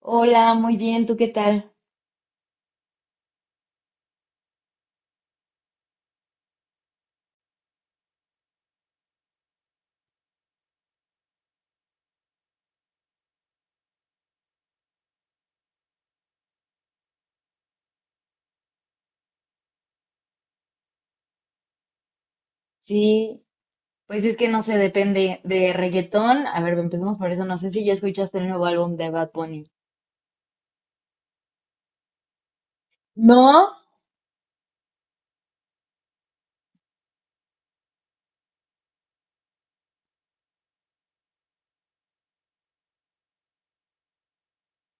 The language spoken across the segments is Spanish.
Hola, muy bien, ¿tú qué tal? Sí, pues es que no sé, depende de reggaetón. A ver, empecemos por eso. No sé si ya escuchaste el nuevo álbum de Bad Bunny. No.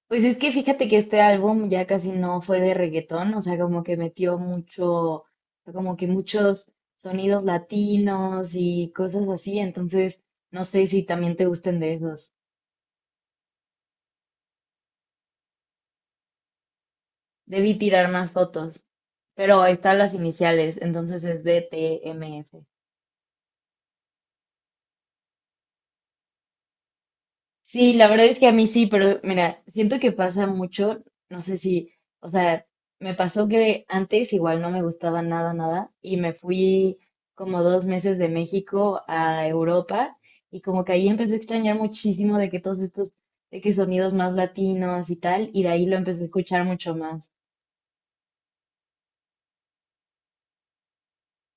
Pues es que fíjate que este álbum ya casi no fue de reggaetón, o sea, como que metió mucho, como que muchos sonidos latinos y cosas así, entonces no sé si también te gusten de esos. Debí tirar más fotos, pero están las iniciales, entonces es D T M DTMF. Sí, la verdad es que a mí sí, pero mira, siento que pasa mucho, no sé si, o sea, me pasó que antes igual no me gustaba nada, nada, y me fui como 2 meses de México a Europa y como que ahí empecé a extrañar muchísimo de que todos estos, de que sonidos más latinos y tal, y de ahí lo empecé a escuchar mucho más.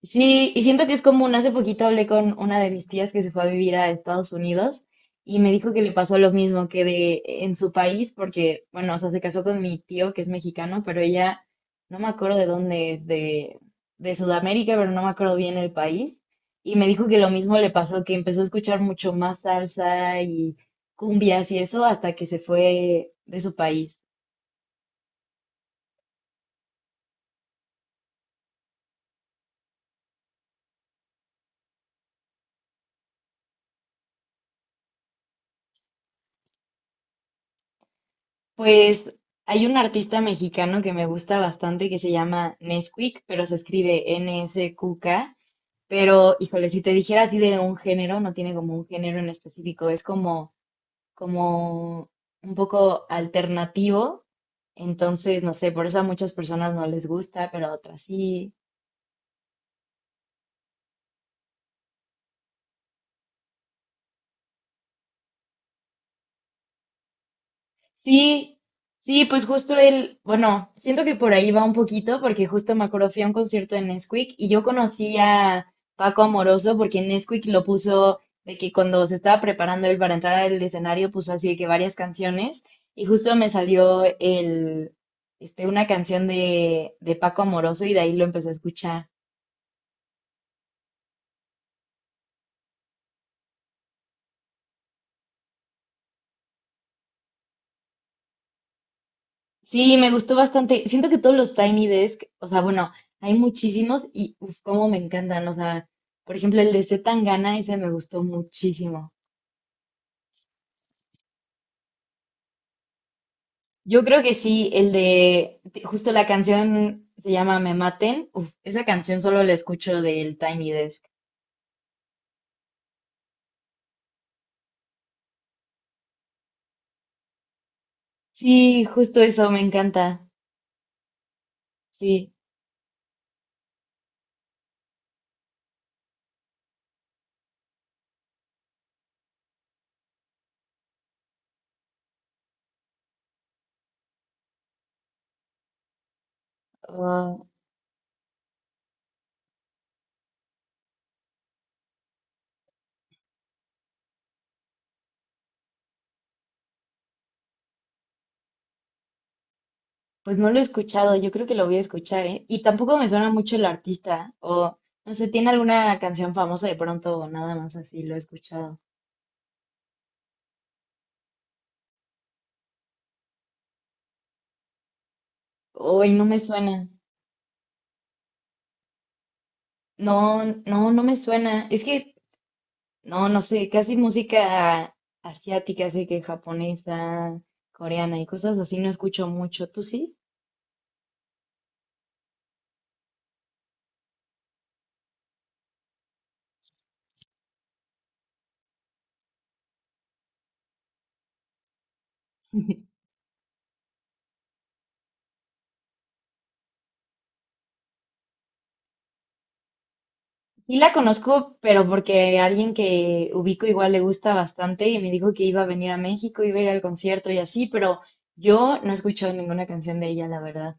Sí, y siento que es común. Hace poquito hablé con una de mis tías que se fue a vivir a Estados Unidos y me dijo que le pasó lo mismo que de en su país, porque, bueno, o sea, se casó con mi tío que es mexicano, pero ella no me acuerdo de dónde es, de Sudamérica, pero no me acuerdo bien el país. Y me dijo que lo mismo le pasó, que empezó a escuchar mucho más salsa y cumbias y eso hasta que se fue de su país. Pues hay un artista mexicano que me gusta bastante que se llama Nesquik, pero se escribe N-S-Q-K. Pero, híjole, si te dijera así de un género, no tiene como un género en específico, es como, como un poco alternativo. Entonces, no sé, por eso a muchas personas no les gusta, pero a otras sí. Sí, sí, pues justo él, bueno, siento que por ahí va un poquito, porque justo me acuerdo, fui a un concierto de Nesquik y yo conocí a Paco Amoroso porque Nesquik lo puso de que cuando se estaba preparando él para entrar al escenario puso así de que varias canciones y justo me salió el, este, una canción de Paco Amoroso y de ahí lo empecé a escuchar. Sí, me gustó bastante. Siento que todos los Tiny Desk, o sea, bueno, hay muchísimos y uf, cómo me encantan. O sea, por ejemplo, el de C. Tangana, ese me gustó muchísimo. Yo creo que sí, justo la canción se llama Me Maten. Uf, esa canción solo la escucho del Tiny Desk. Sí, justo eso, me encanta. Sí. Ah, pues no lo he escuchado, yo creo que lo voy a escuchar, ¿eh? Y tampoco me suena mucho el artista, o no sé, ¿tiene alguna canción famosa de pronto o nada más así lo he escuchado? Hoy no me suena. No, no, no me suena. Es que, no, no sé, casi música asiática, así que japonesa, coreana y cosas así no escucho mucho. ¿Tú sí? Sí la conozco, pero porque alguien que ubico igual le gusta bastante y me dijo que iba a venir a México, iba a ir al concierto y así, pero yo no he escuchado ninguna canción de ella, la verdad.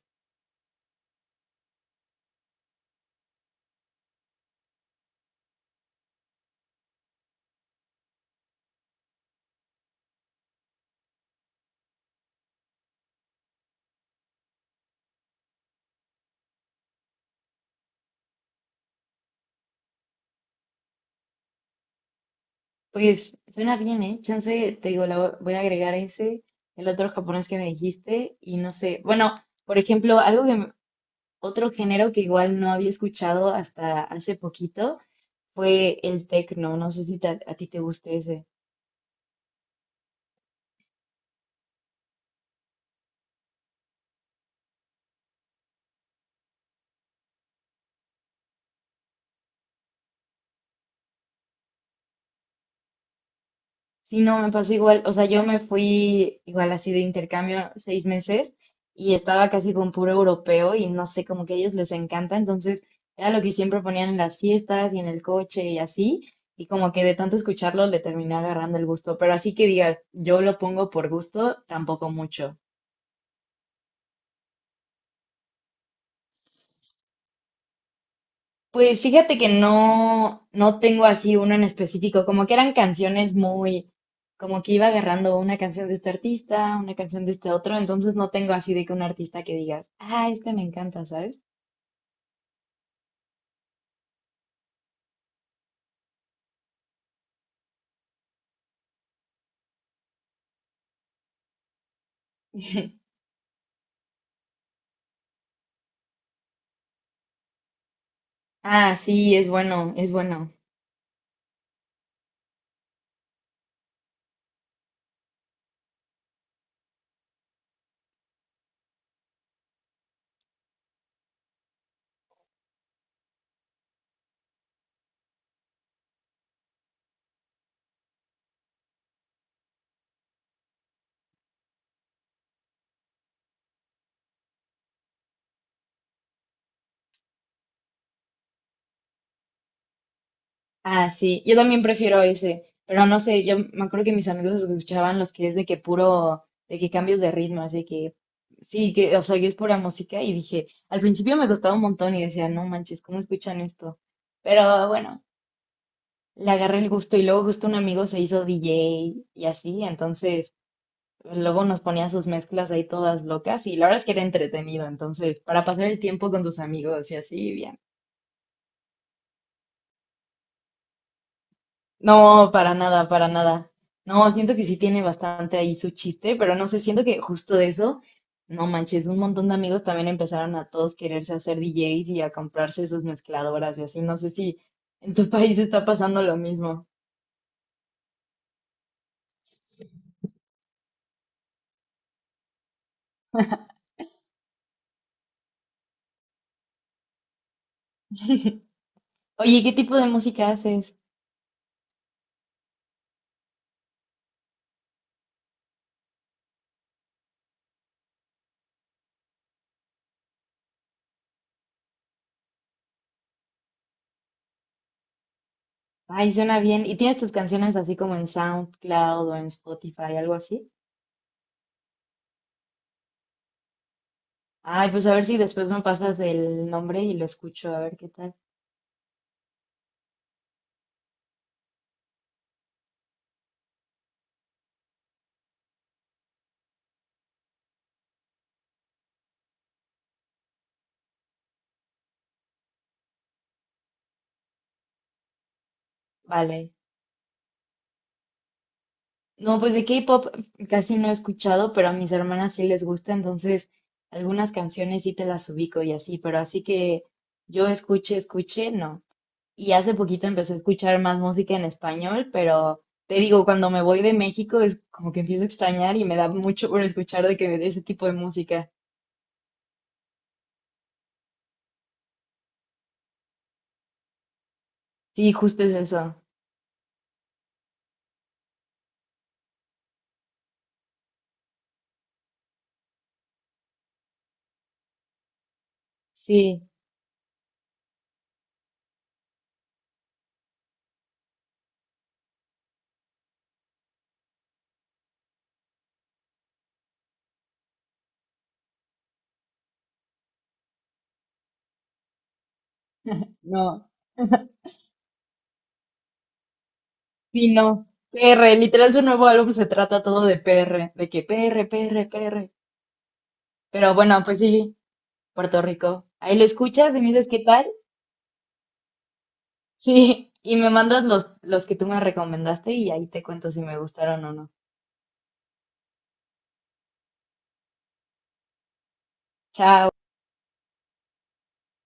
Pues suena bien, ¿eh? Chance, te digo, la voy a agregar ese, el otro japonés que me dijiste y no sé. Bueno, por ejemplo, algo que otro género que igual no había escuchado hasta hace poquito fue el techno. No sé si a ti te guste ese. Sí, no, me pasó igual. O sea, yo me fui igual así de intercambio 6 meses y estaba casi con puro europeo y no sé, como que a ellos les encanta. Entonces, era lo que siempre ponían en las fiestas y en el coche y así. Y como que de tanto escucharlo le terminé agarrando el gusto. Pero así que digas, yo lo pongo por gusto, tampoco mucho. Pues fíjate que no, no tengo así uno en específico, como que eran canciones muy, como que iba agarrando una canción de este artista, una canción de este otro, entonces no tengo así de que un artista que digas, ah, este me encanta, ¿sabes? Ah, sí, es bueno, es bueno. Ah, sí, yo también prefiero ese, pero no sé, yo me acuerdo que mis amigos escuchaban los que es de que puro, de que cambios de ritmo, así que sí, que, o sea, que es pura música y dije, al principio me costaba un montón y decía, no manches, ¿cómo escuchan esto? Pero bueno, le agarré el gusto y luego justo un amigo se hizo DJ y así, entonces pues, luego nos ponía sus mezclas ahí todas locas y la verdad es que era entretenido, entonces para pasar el tiempo con tus amigos y así, bien. No, para nada, para nada. No, siento que sí tiene bastante ahí su chiste, pero no sé, siento que justo de eso, no manches, un montón de amigos también empezaron a todos quererse hacer DJs y a comprarse sus mezcladoras y así. No sé si en tu país está pasando lo mismo. Oye, ¿qué tipo de música haces? Ay, suena bien. ¿Y tienes tus canciones así como en SoundCloud o en Spotify, algo así? Ay, pues a ver si después me pasas el nombre y lo escucho, a ver qué tal. Vale. No, pues de K-pop casi no he escuchado, pero a mis hermanas sí les gusta, entonces algunas canciones sí te las ubico y así, pero así que yo escuche, escuche, no. Y hace poquito empecé a escuchar más música en español, pero te digo, cuando me voy de México es como que empiezo a extrañar y me da mucho por escuchar de que de ese tipo de música. Sí, justo es eso. Sí, no, sí, no. PR, literal su nuevo álbum se trata todo de PR, de que PR, PR, PR. Pero bueno, pues sí. Puerto Rico. Ahí lo escuchas y me dices qué tal. Sí, y me mandas los que tú me recomendaste y ahí te cuento si me gustaron o no. Chao.